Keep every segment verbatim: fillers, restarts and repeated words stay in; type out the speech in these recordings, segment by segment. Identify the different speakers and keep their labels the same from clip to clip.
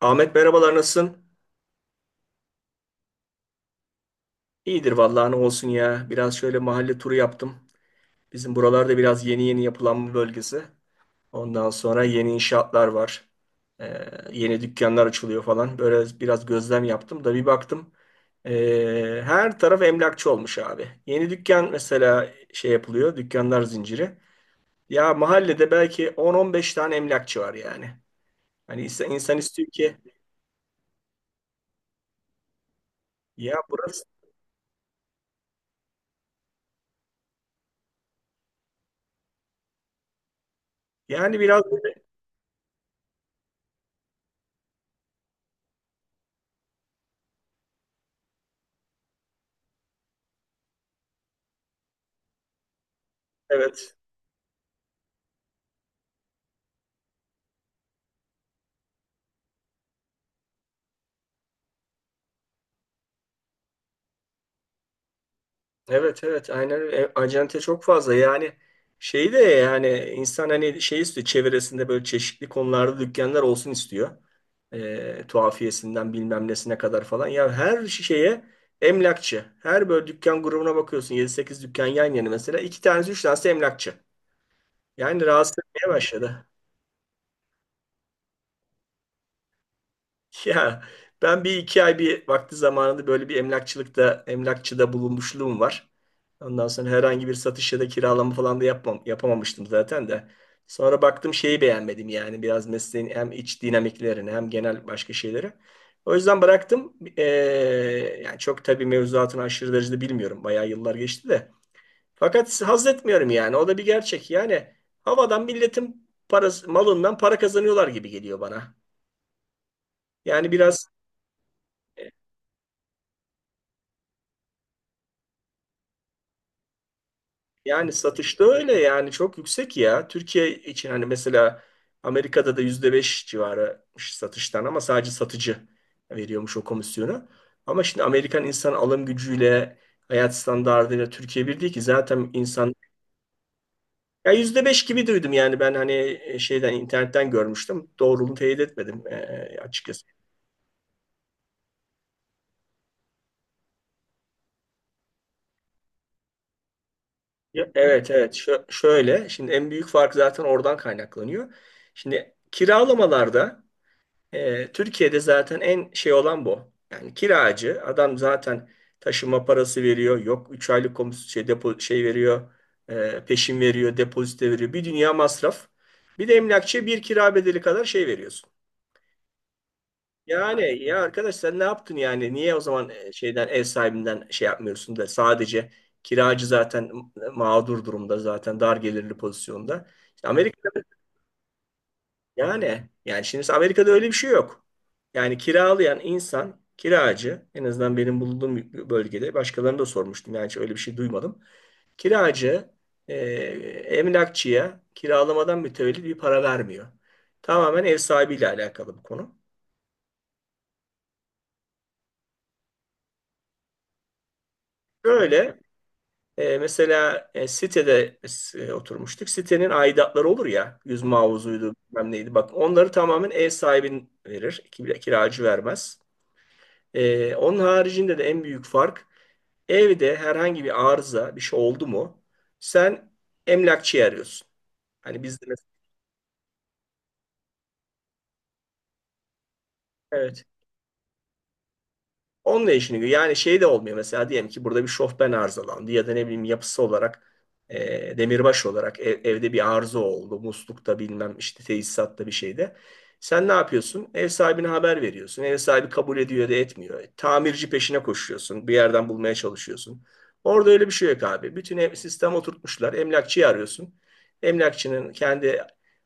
Speaker 1: Ahmet, merhabalar, nasılsın? İyidir vallahi, ne olsun ya. Biraz şöyle mahalle turu yaptım. Bizim buralarda biraz yeni yeni yapılanma bölgesi. Ondan sonra yeni inşaatlar var. Ee, yeni dükkanlar açılıyor falan. Böyle biraz gözlem yaptım da bir baktım. Ee, her taraf emlakçı olmuş abi. Yeni dükkan mesela şey yapılıyor. Dükkanlar zinciri. Ya, mahallede belki on on beş tane emlakçı var yani. Hani insan, insan istiyor ki, ya burası, yani biraz böyle. Evet. Evet evet, aynen öyle. E, acente çok fazla, yani şeyi de yani insan hani şey istiyor, çevresinde böyle çeşitli konularda dükkanlar olsun istiyor. E, tuhafiyesinden bilmem nesine kadar falan. Ya, her şeye emlakçı. Her böyle dükkan grubuna bakıyorsun, yedi sekiz dükkan yan yana, mesela iki tanesi üç tanesi emlakçı. Yani rahatsız etmeye başladı. Ya, ben bir iki ay bir vakti zamanında böyle bir emlakçılıkta, emlakçıda bulunmuşluğum var. Ondan sonra herhangi bir satış ya da kiralama falan da yapmam, yapamamıştım zaten de. Sonra baktım şeyi beğenmedim, yani biraz mesleğin hem iç dinamiklerini hem genel başka şeyleri. O yüzden bıraktım. Ee, yani çok tabii mevzuatını aşırı derecede bilmiyorum. Bayağı yıllar geçti de. Fakat haz etmiyorum yani. O da bir gerçek. Yani havadan milletin parası, malından para kazanıyorlar gibi geliyor bana. Yani biraz. Yani satışta öyle yani, çok yüksek ya. Türkiye için hani mesela Amerika'da da yüzde beş civarı satıştan, ama sadece satıcı veriyormuş o komisyonu. Ama şimdi Amerikan insan alım gücüyle, hayat standartıyla Türkiye bir değil ki zaten insan, ya yüzde beş gibi duydum yani ben, hani e, şeyden internetten görmüştüm. Doğruluğunu teyit etmedim, eee, açıkçası. Ya, evet evet. Şö- şöyle şimdi en büyük fark zaten oradan kaynaklanıyor. Şimdi kiralamalarda E, Türkiye'de zaten en şey olan bu. Yani kiracı adam zaten taşıma parası veriyor. Yok, üç aylık komis şey, depo şey veriyor. E, peşin veriyor, depozite veriyor. Bir dünya masraf. Bir de emlakçıya bir kira bedeli kadar şey veriyorsun. Yani ya arkadaş, sen ne yaptın yani? Niye o zaman e, şeyden ev sahibinden şey yapmıyorsun da sadece kiracı zaten mağdur durumda, zaten dar gelirli pozisyonda. İşte Amerika. Yani yani şimdi Amerika'da öyle bir şey yok. Yani kiralayan insan, kiracı, en azından benim bulunduğum bölgede başkalarını da sormuştum, yani hiç öyle bir şey duymadım. Kiracı e, emlakçıya kiralamadan mütevellit bir para vermiyor. Tamamen ev sahibiyle alakalı bu konu. Böyle e, mesela e, sitede e, oturmuştuk. Sitenin aidatları olur ya, yüz mavuzuydu bilmem neydi, bak onları tamamen ev sahibin verir. Ki- Kiracı vermez. Ee, onun haricinde de en büyük fark, evde herhangi bir arıza, bir şey oldu mu sen emlakçıyı arıyorsun. Hani bizde mesela, evet. Onunla işini görüyor. Yani şey de olmuyor, mesela diyelim ki burada bir şofben arızalandı ya da ne bileyim, yapısı olarak e, demirbaş olarak ev- evde bir arıza oldu. Muslukta bilmem işte, tesisatta, bir şeyde. Sen ne yapıyorsun? Ev sahibine haber veriyorsun. Ev sahibi kabul ediyor ya da etmiyor. E, Tamirci peşine koşuyorsun. Bir yerden bulmaya çalışıyorsun. Orada öyle bir şey yok abi. Bütün ev, sistem oturtmuşlar. Emlakçıyı arıyorsun. Emlakçının kendi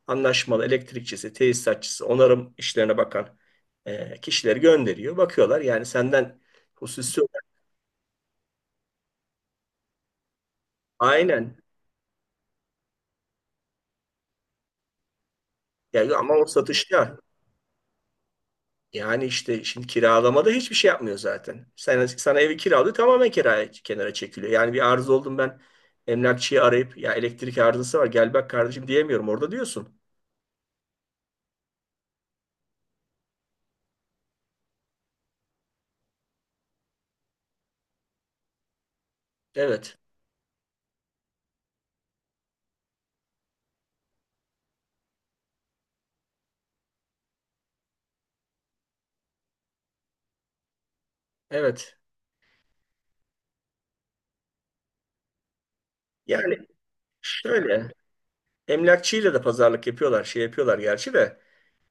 Speaker 1: anlaşmalı elektrikçisi, tesisatçısı, onarım işlerine bakan e, kişileri gönderiyor. Bakıyorlar yani, senden hususi olarak- aynen. Ya ama o satışta, yani işte şimdi kiralamada hiçbir şey yapmıyor zaten. Sen, sana evi kiralıyor, tamamen kiraya, kenara çekiliyor. Yani bir arıza oldum ben, emlakçıyı arayıp ya elektrik arızası var gel bak kardeşim diyemiyorum orada, diyorsun. Evet. Evet. Yani şöyle, emlakçıyla da pazarlık yapıyorlar, şey yapıyorlar gerçi de.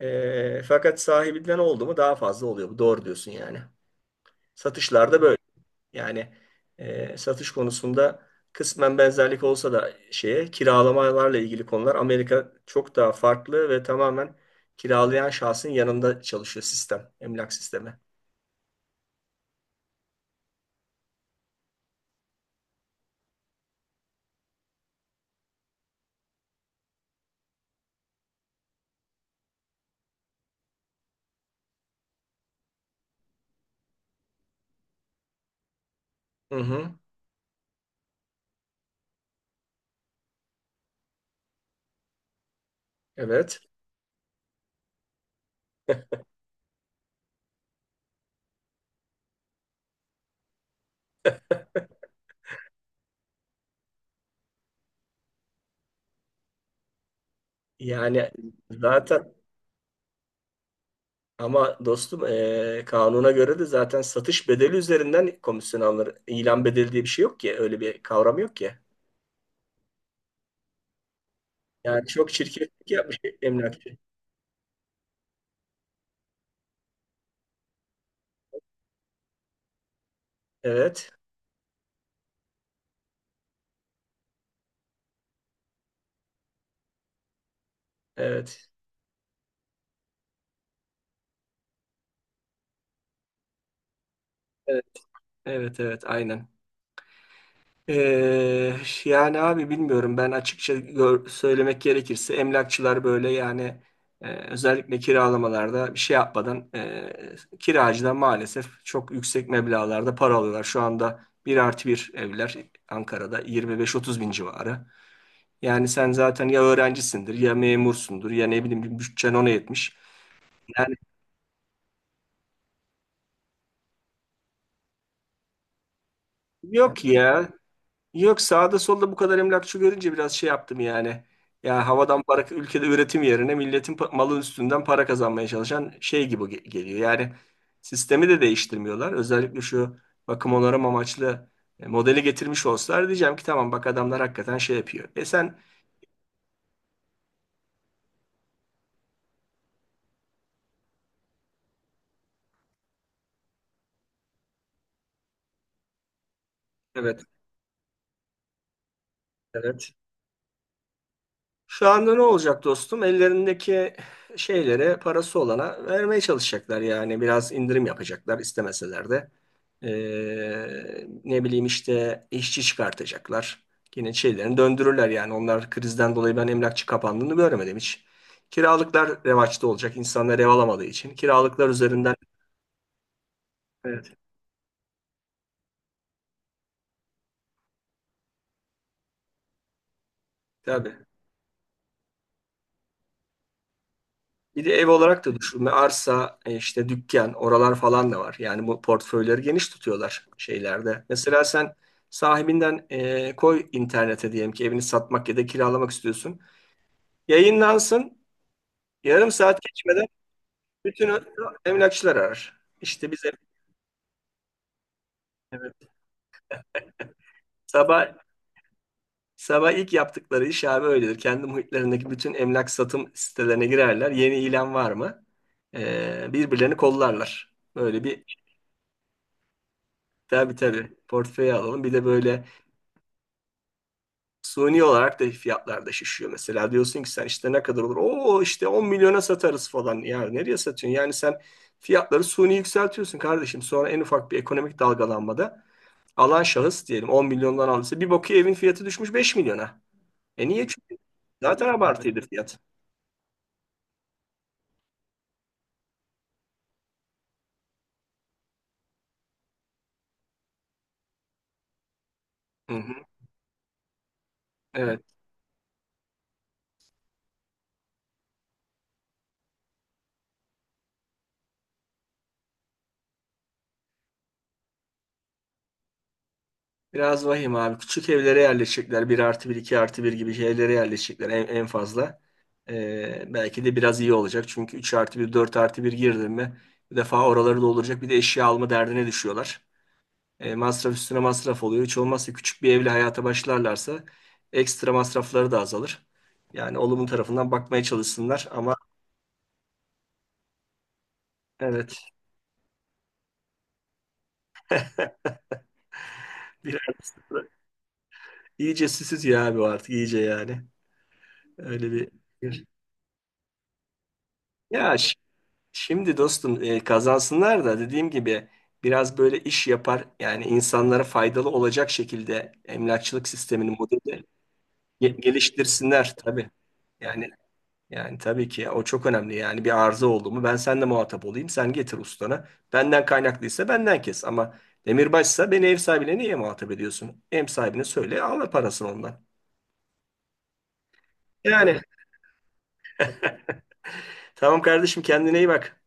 Speaker 1: E, fakat sahibinden oldu mu daha fazla oluyor. Bu doğru, diyorsun yani. Satışlarda böyle. Yani e, satış konusunda kısmen benzerlik olsa da şeye, kiralamalarla ilgili konular Amerika çok daha farklı ve tamamen kiralayan şahsın yanında çalışıyor sistem, emlak sistemi. Hı hı, evet. Yani zaten ama dostum, e, kanuna göre de zaten satış bedeli üzerinden komisyon alınır. İlan bedeli diye bir şey yok ki. Öyle bir kavram yok ki. Yani çok çirkeflik yapmış emlakçı. Evet, evet. Evet. Evet, evet, aynen. Ee, Yani abi bilmiyorum, ben açıkça gör- söylemek gerekirse emlakçılar böyle yani, e, özellikle kiralamalarda bir şey yapmadan e, kiracıdan maalesef çok yüksek meblağlarda para alıyorlar. Şu anda bir artı bir evler Ankara'da yirmi beş otuz bin civarı. Yani sen zaten ya öğrencisindir ya memursundur ya ne bileyim, bir bütçen ona yetmiş. Yani yok ya. Yok, sağda solda bu kadar emlakçı görünce biraz şey yaptım yani. Ya, havadan para, ülkede üretim yerine milletin pa- malı üstünden para kazanmaya çalışan şey gibi ge- geliyor. Yani sistemi de değiştirmiyorlar. Özellikle şu bakım onarım amaçlı e, modeli getirmiş olsalar diyeceğim ki tamam bak, adamlar hakikaten şey yapıyor. E sen. Evet, evet. Şu anda ne olacak dostum? Ellerindeki şeylere, parası olana vermeye çalışacaklar yani. Biraz indirim yapacaklar istemeseler de. Ee, ne bileyim işte, işçi çıkartacaklar. Yine şeylerini döndürürler yani. Onlar, krizden dolayı ben emlakçı kapandığını göremedim hiç. Kiralıklar revaçta olacak. İnsanlar ev alamadığı için. Kiralıklar üzerinden. Evet. Tabii. Bir de ev olarak da düşünme. Arsa, e, işte dükkan, oralar falan da var. Yani bu portföyleri geniş tutuyorlar şeylerde. Mesela sen sahibinden e, koy internete, diyelim ki evini satmak ya da kiralamak istiyorsun. Yayınlansın. Yarım saat geçmeden bütün o- emlakçılar arar. İşte biz. Evet. Sabah sabah ilk yaptıkları iş abi öyledir. Kendi muhitlerindeki bütün emlak satım sitelerine girerler. Yeni ilan var mı? E, birbirlerini kollarlar. Böyle bir, tabii tabii portföy alalım. Bir de böyle suni olarak da fiyatlar da şişiyor. Mesela diyorsun ki sen işte ne kadar olur? Oo, işte on milyona satarız falan. Yani nereye satıyorsun? Yani sen fiyatları suni yükseltiyorsun kardeşim. Sonra en ufak bir ekonomik dalgalanmada alan şahıs, diyelim on milyondan aldıysa, bir bakıyor evin fiyatı düşmüş beş milyona. E niye? Çünkü zaten, tabii, abartıydı fiyat. Hı hı. Evet. Biraz vahim abi. Küçük evlere yerleşecekler. Bir artı bir, iki artı bir gibi evlere yerleşecekler en, en fazla. Ee, belki de biraz iyi olacak. Çünkü üç artı bir, dört artı bir girdin mi bir defa oraları dolduracak. Bir de eşya alma derdine düşüyorlar. Ee, masraf üstüne masraf oluyor. Hiç olmazsa küçük bir evle hayata başlarlarsa ekstra masrafları da azalır. Yani olumlu tarafından bakmaya çalışsınlar ama. Evet. Biraz iyice süsüz ya abi, o artık iyice yani. Öyle bir... Ya, şimdi dostum, e, kazansınlar da dediğim gibi biraz böyle iş yapar yani, insanlara faydalı olacak şekilde emlakçılık sistemini, modeli ge- geliştirsinler tabii. Yani yani tabii ki o çok önemli. Yani bir arıza oldu mu ben seninle muhatap olayım, sen getir ustana. Benden kaynaklıysa benden kes ama demirbaşsa beni ev sahibine niye muhatap ediyorsun? Ev sahibine söyle, al parasını ondan. Yani tamam kardeşim, kendine iyi bak.